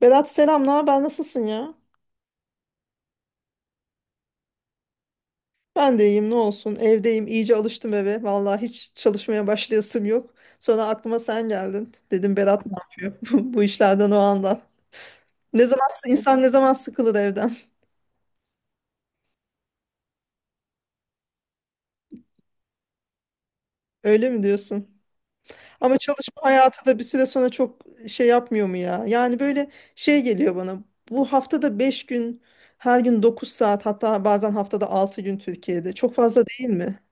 Berat, selam. Ne haber? Nasılsın ya? Ben de iyiyim, ne olsun. Evdeyim, iyice alıştım eve. Vallahi hiç çalışmaya başlayasım yok. Sonra aklıma sen geldin. Dedim Berat ne yapıyor bu işlerden o anda. Ne zaman insan ne zaman sıkılır evden? Öyle mi diyorsun? Ama çalışma hayatı da bir süre sonra çok şey yapmıyor mu ya? Yani böyle şey geliyor bana. Bu haftada 5 gün, her gün 9 saat, hatta bazen haftada 6 gün Türkiye'de. Çok fazla değil mi?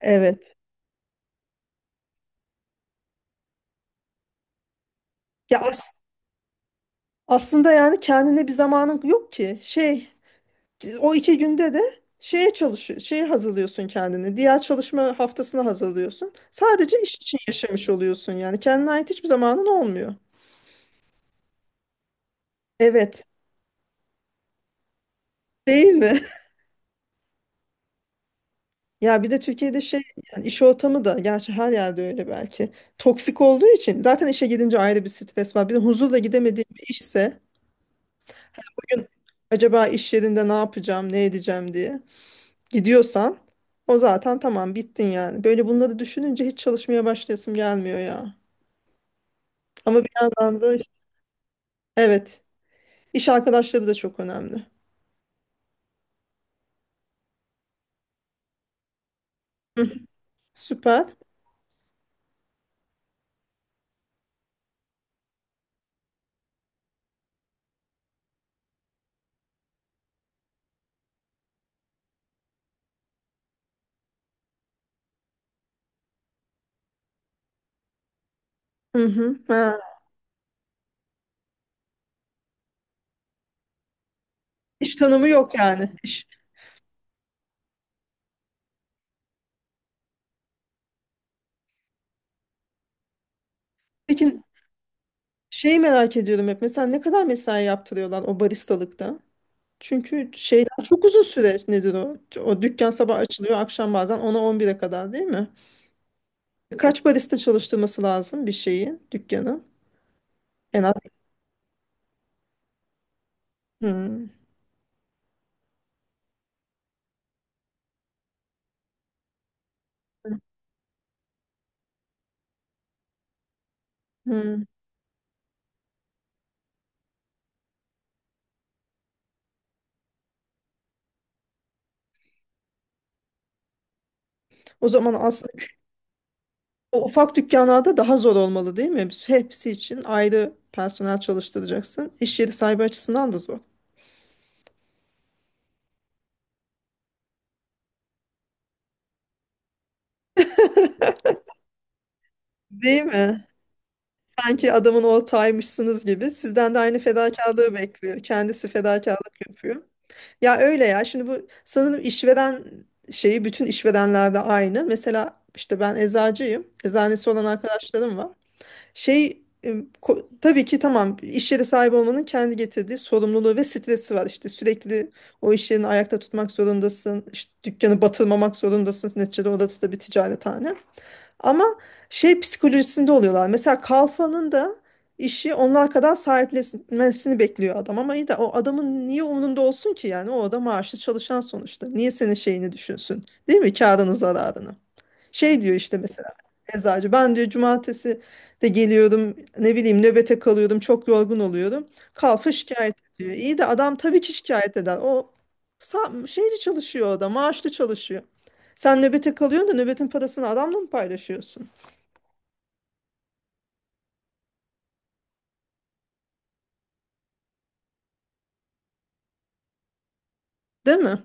Evet. Ya aslında yani kendine bir zamanın yok ki. Şey, o iki günde de şeye çalışıyor, şeye hazırlıyorsun kendini. Diğer çalışma haftasını hazırlıyorsun. Sadece iş için yaşamış oluyorsun yani. Kendine ait hiçbir zamanın olmuyor. Evet. Değil mi? Ya bir de Türkiye'de şey, yani iş ortamı da gerçi her yerde öyle belki. Toksik olduğu için zaten işe gidince ayrı bir stres var. Bir de huzurla gidemediğin bir işse gün acaba iş yerinde ne yapacağım, ne edeceğim diye gidiyorsan o zaten tamam, bittin yani. Böyle bunları düşününce hiç çalışmaya başlayasım gelmiyor ya. Ama bir yandan da evet, iş arkadaşları da çok önemli. Hı, süper. Hı hı. Ha, iş tanımı yok yani. İş. Peki, şeyi merak ediyorum hep. Mesela ne kadar mesai yaptırıyorlar o baristalıkta? Çünkü şeyler çok uzun süreç, nedir o? O dükkan sabah açılıyor, akşam bazen ona on 11'e kadar, değil mi? Kaç barista çalıştırması lazım bir şeyin, dükkanın? En az. Hmm, hmm. O zaman aslında o ufak dükkanlarda daha zor olmalı değil mi? Hepsi için ayrı personel çalıştıracaksın. İş yeri sahibi açısından da zor. Değil mi? Sanki adamın ortağıymışsınız gibi. Sizden de aynı fedakarlığı bekliyor. Kendisi fedakarlık yapıyor. Ya öyle ya. Şimdi bu sanırım işveren şeyi bütün işverenlerde aynı. Mesela işte ben eczacıyım. Eczanesi olan arkadaşlarım var. Şey e, tabii ki tamam, iş yeri sahibi olmanın kendi getirdiği sorumluluğu ve stresi var. İşte sürekli o iş yerini ayakta tutmak zorundasın. İşte dükkanı batırmamak zorundasın. Neticede orası da bir ticarethane. Ama şey psikolojisinde oluyorlar. Mesela Kalfa'nın da işi onlar kadar sahiplenmesini bekliyor adam. Ama iyi de o adamın niye umurunda olsun ki yani? O adam maaşlı çalışan sonuçta. Niye senin şeyini düşünsün? Değil mi? Kârını, zararını. Şey diyor işte, mesela eczacı ben diyor, cumartesi de geliyorum, ne bileyim nöbete kalıyorum, çok yorgun oluyorum. Kalfa şikayet ediyor. İyi de adam tabii ki şikayet eder. O şeyli çalışıyor, o da maaşlı çalışıyor. Sen nöbete kalıyorsun da nöbetin parasını adamla mı paylaşıyorsun? Değil mi?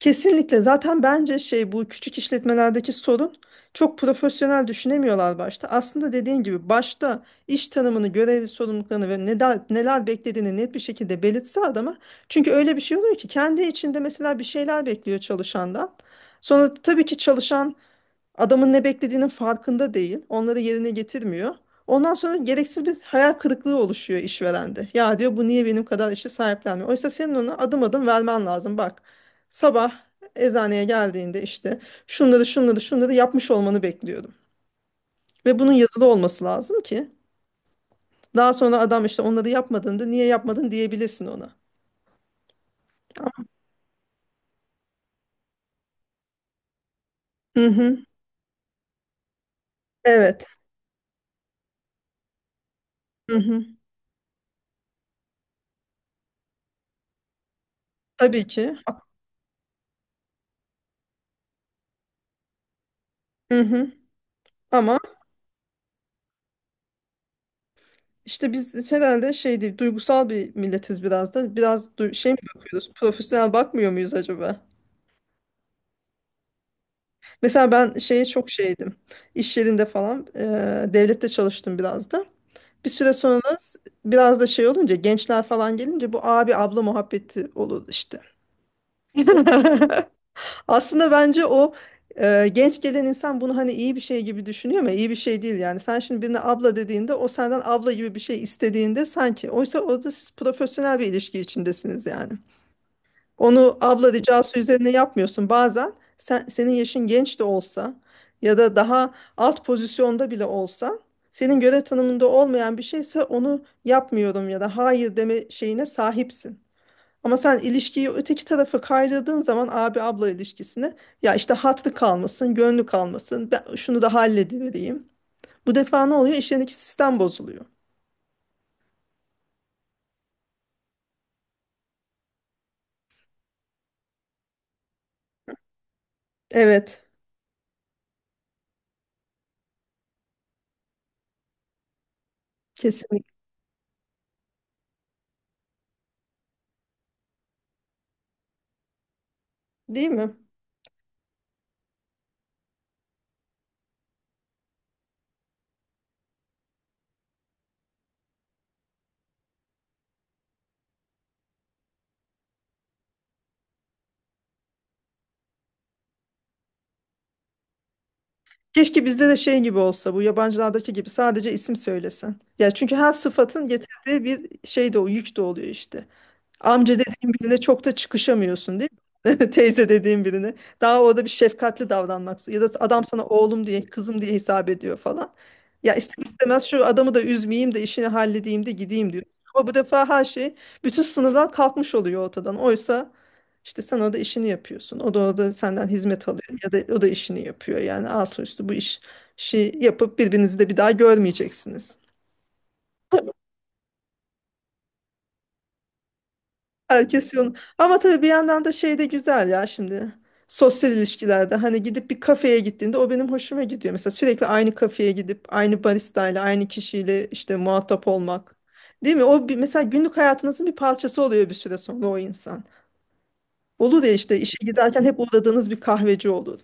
Kesinlikle. Zaten bence şey, bu küçük işletmelerdeki sorun çok profesyonel düşünemiyorlar başta. Aslında dediğin gibi başta iş tanımını, görev sorumluluklarını ve neler, neler beklediğini net bir şekilde belirtse adama. Çünkü öyle bir şey oluyor ki kendi içinde mesela bir şeyler bekliyor çalışandan. Sonra tabii ki çalışan adamın ne beklediğinin farkında değil. Onları yerine getirmiyor. Ondan sonra gereksiz bir hayal kırıklığı oluşuyor işverende. Ya diyor, bu niye benim kadar işi sahiplenmiyor? Oysa senin ona adım adım vermen lazım. Bak, sabah eczaneye geldiğinde işte şunları şunları şunları yapmış olmanı bekliyorum. Ve bunun yazılı olması lazım ki daha sonra adam işte onları yapmadığında niye yapmadın diyebilirsin ona. Hı hı. Evet. Hı hı. Tabii ki. Hı hı. Ama İşte biz herhalde şey değil, duygusal bir milletiz biraz da. Biraz şey mi bakıyoruz, profesyonel bakmıyor muyuz acaba? Mesela ben şeye çok şeydim. İş yerinde falan, devlette çalıştım biraz da. Bir süre sonra biraz da şey olunca, gençler falan gelince bu abi abla muhabbeti olur işte. Aslında bence o genç gelen insan bunu hani iyi bir şey gibi düşünüyor ama iyi bir şey değil yani. Sen şimdi birine abla dediğinde o senden abla gibi bir şey istediğinde sanki. Oysa orada siz profesyonel bir ilişki içindesiniz yani. Onu abla ricası üzerine yapmıyorsun. Bazen sen, senin yaşın genç de olsa ya da daha alt pozisyonda bile olsa senin görev tanımında olmayan bir şeyse onu yapmıyorum ya da hayır deme şeyine sahipsin. Ama sen ilişkiyi öteki tarafa kaydırdığın zaman abi abla ilişkisini, ya işte hatlı kalmasın, gönlü kalmasın, ben şunu da halledivereyim. Bu defa ne oluyor? İşlerindeki sistem bozuluyor. Evet, kesinlikle. Değil mi? Keşke bizde de şey gibi olsa, bu yabancılardaki gibi sadece isim söylesen. Ya çünkü her sıfatın getirdiği bir şey de o yük de oluyor işte. Amca dediğin birine çok da çıkışamıyorsun, değil mi? Teyze dediğin birine. Daha orada bir şefkatli davranmak. Ya da adam sana oğlum diye, kızım diye hesap ediyor falan. Ya ister istemez şu adamı da üzmeyeyim de işini halledeyim de gideyim diyor. Ama bu defa her şey, bütün sınırlar kalkmış oluyor ortadan. Oysa işte sen orada işini yapıyorsun. O da orada senden hizmet alıyor. Ya da o da işini yapıyor. Yani altı üstü bu iş, işi yapıp birbirinizi de bir daha görmeyeceksiniz. Herkes yolunu. Ama tabii bir yandan da şey de güzel ya şimdi. Sosyal ilişkilerde hani gidip bir kafeye gittiğinde o benim hoşuma gidiyor. Mesela sürekli aynı kafeye gidip aynı baristayla aynı kişiyle işte muhatap olmak. Değil mi? O bir, mesela günlük hayatınızın bir parçası oluyor bir süre sonra o insan. Olur ya işte işe giderken hep uğradığınız bir kahveci olur.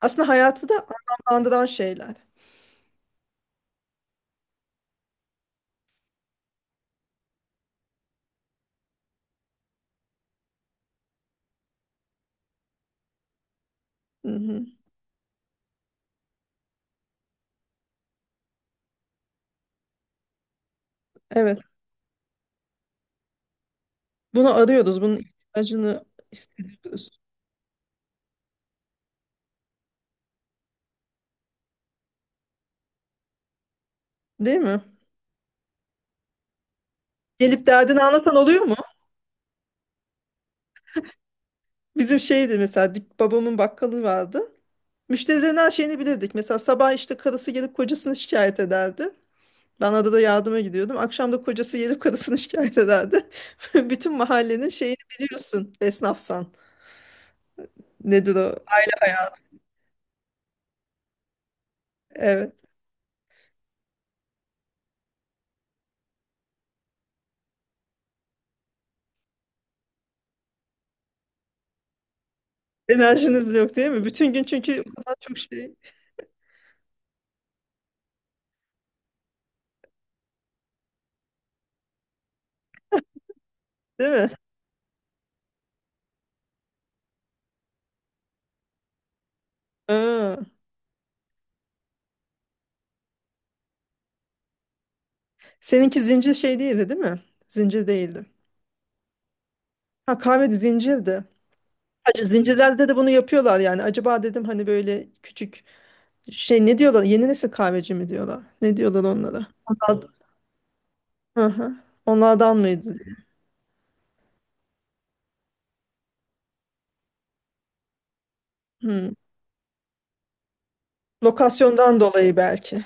Aslında hayatı da anlamlandıran şeyler. Hı-hı. Evet. Bunu arıyoruz. Bunun ihtiyacını hissediyoruz. Değil mi? Gelip derdini anlatan oluyor mu? Bizim şeydi mesela babamın bakkalı vardı. Müşterilerin her şeyini bilirdik. Mesela sabah işte karısı gelip kocasını şikayet ederdi. Ben adada yardıma gidiyordum. Akşam da kocası gelip karısını şikayet ederdi. Bütün mahallenin şeyini biliyorsun esnafsan. Nedir o? Aile hayatı. Evet. Enerjiniz yok değil mi? Bütün gün çünkü o kadar çok şey. Değil mi? Aa. Seninki zincir şey değildi değil mi? Zincir değildi. Ha, kahve zincirdi. Acı zincirlerde de bunu yapıyorlar yani. Acaba dedim hani böyle küçük şey, ne diyorlar? Yeni nesil kahveci mi diyorlar? Ne diyorlar onlara? Onlardan, hı hı. Onlardan mıydı? Diye. Hı. Lokasyondan dolayı belki.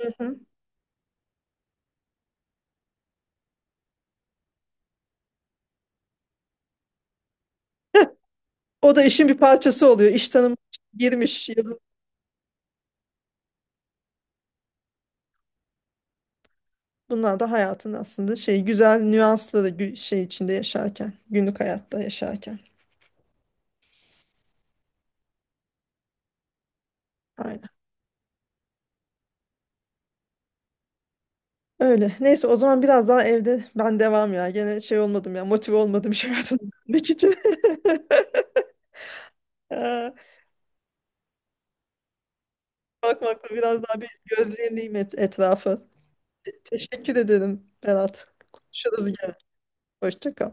Hı hı. O da işin bir parçası oluyor. İş tanımı girmiş. Bunlar da hayatın aslında şey güzel nüansları, şey içinde yaşarken, günlük hayatta yaşarken. Aynen. Öyle. Neyse, o zaman biraz daha evde ben devam ya. Gene şey olmadım ya. Motive olmadım şey hayatını için. Ee, Bakmakla biraz daha bir gözleyeyim etrafı. Teşekkür ederim, Berat. Konuşuruz gene. Hoşça kal.